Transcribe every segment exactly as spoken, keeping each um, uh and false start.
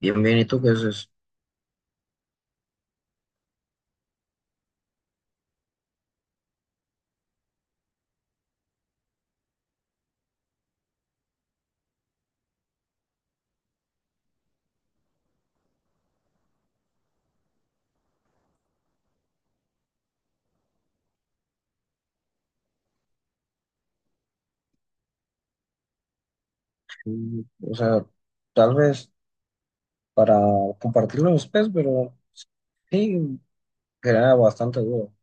Bien, bien, ¿y tú qué haces? Mm, o sea, tal vez para compartirlo después, pero sí, era bastante duro.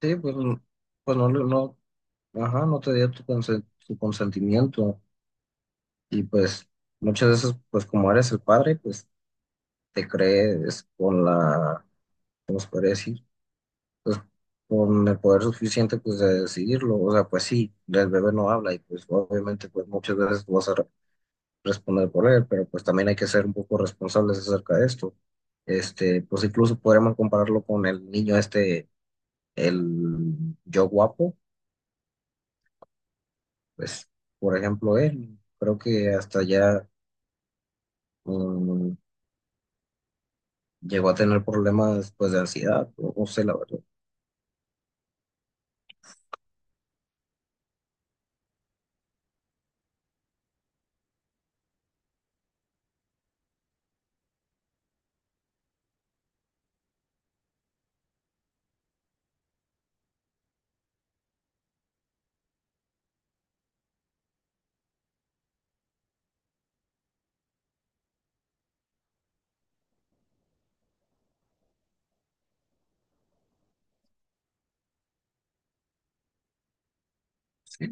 Sí, pues, mm, pues no, le- no, ajá, no te dio tu, consen- tu consentimiento. Y pues muchas veces, pues como eres el padre, pues te crees con la, ¿cómo se puede decir? Pues con el poder suficiente, pues de decidirlo. O sea, pues sí, el bebé no habla y pues obviamente, pues muchas veces vas a responder por él, pero pues también hay que ser un poco responsables acerca de esto. Este, pues incluso podríamos compararlo con el niño este, el yo guapo, pues por ejemplo él, creo que hasta ya mm, llegó a tener problemas pues de ansiedad, o no sé la verdad. Sí.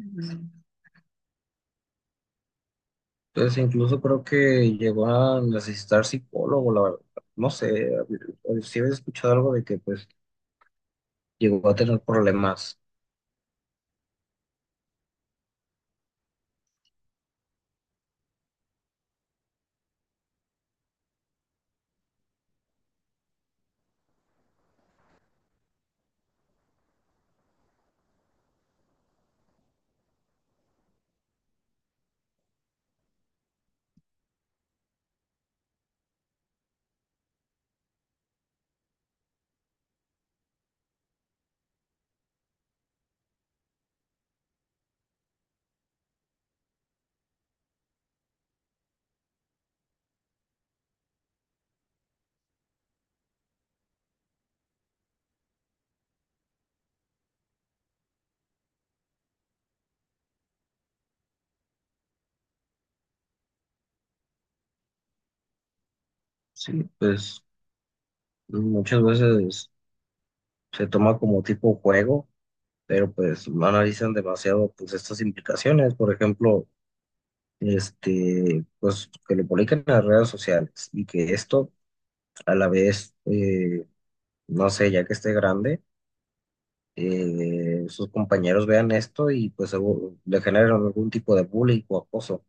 Entonces incluso creo que llegó a necesitar psicólogo, la verdad. No sé, si había escuchado algo de que pues llegó a tener problemas, sí, pues muchas veces se toma como tipo juego, pero pues no analizan demasiado pues estas implicaciones, por ejemplo, este, pues que lo publiquen en las redes sociales y que esto a la vez, eh, no sé, ya que esté grande, eh, sus compañeros vean esto y pues seguro le generan algún tipo de bullying o acoso,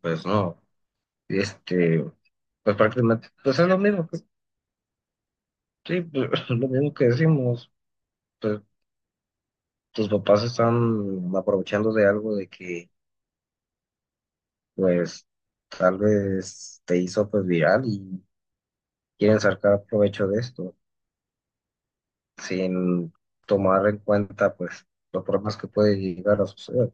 pues no, este, pues prácticamente, pues es lo mismo que, sí, pues, lo mismo que decimos, pues tus papás están aprovechando de algo de que pues tal vez te hizo pues viral y quieren sacar provecho de esto sin tomar en cuenta pues los problemas que puede llegar a suceder.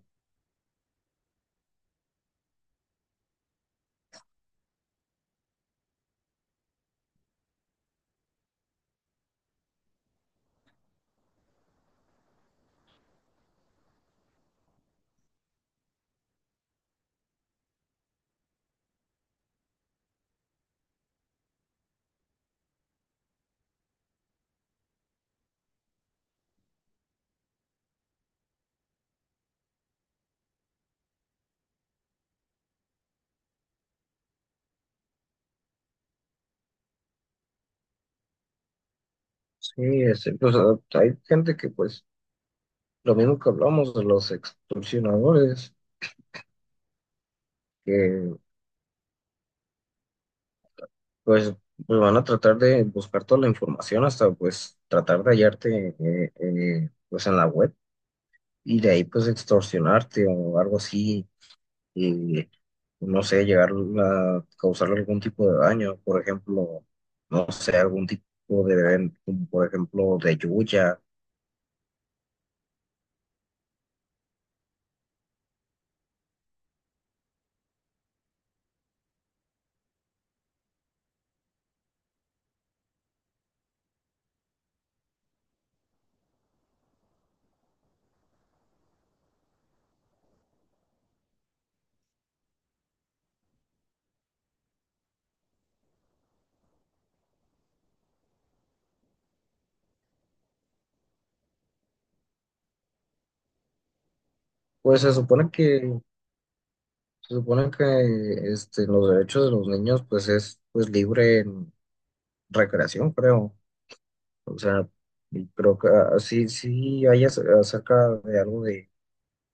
Sí, es, pues a- hay gente que pues lo mismo que hablamos de los extorsionadores que pues, pues, van a tratar de buscar toda la información hasta pues tratar de hallarte eh, eh, pues en la web y de ahí pues extorsionarte o algo así y no sé, llegar a causarle algún tipo de daño, por ejemplo, no sé, algún tipo de evento, como por ejemplo, de lluvia. Pues se supone que, se supone que este, los derechos de los niños, pues es pues libre en recreación, creo. O sea, y creo que ah, sí, sí hay ac- acerca de algo de,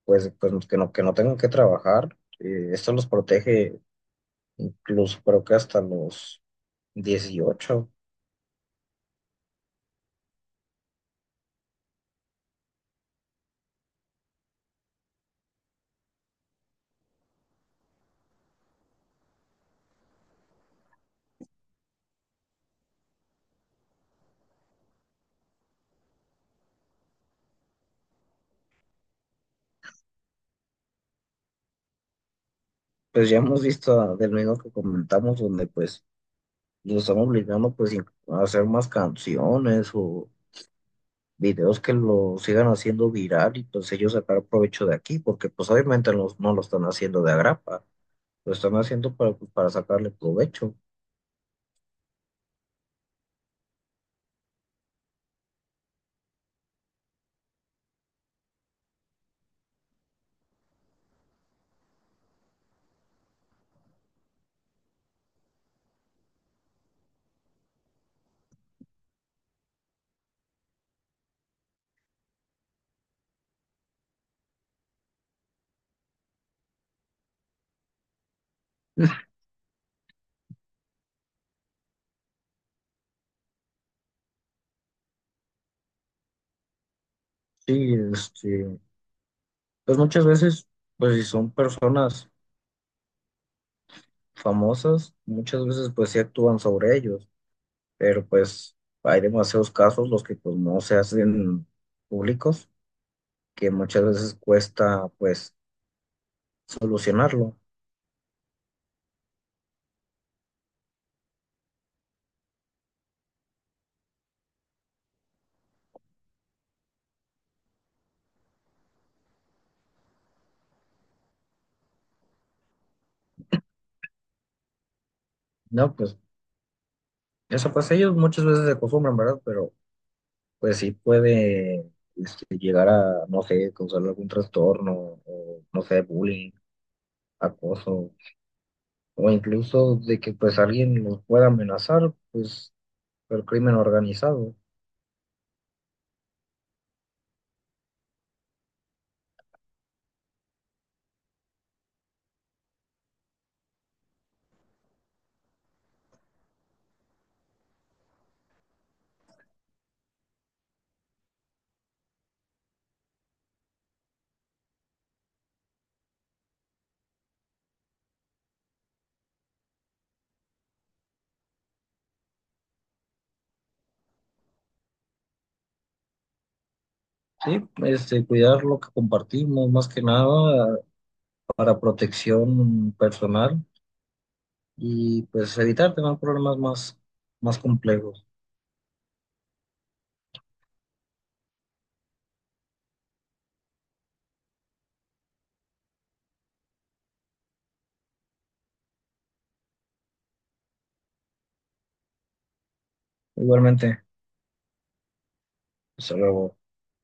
pues, pues que no, que no tengan que trabajar. Eh, esto los protege incluso creo que hasta los dieciocho. Pues ya hemos visto del mismo que comentamos, donde pues los están obligando pues in- a hacer más canciones o videos que lo sigan haciendo viral y pues ellos sacar provecho de aquí, porque pues obviamente los- no lo están haciendo de agrapa, lo están haciendo para, pues, para sacarle provecho. Sí, este, pues muchas veces, pues si son personas famosas, muchas veces pues sí actúan sobre ellos, pero pues hay demasiados casos los que pues no se hacen públicos que muchas veces cuesta pues solucionarlo. No, pues eso pues ellos muchas veces se acostumbran, ¿verdad? Pero pues sí puede este, llegar a, no sé, causar algún trastorno o no sé, bullying, acoso o incluso de que pues alguien los pueda amenazar, pues por crimen organizado. Sí, este, cuidar lo que compartimos más que nada para protección personal y pues evitar tener problemas más, más complejos. Igualmente. Hasta luego.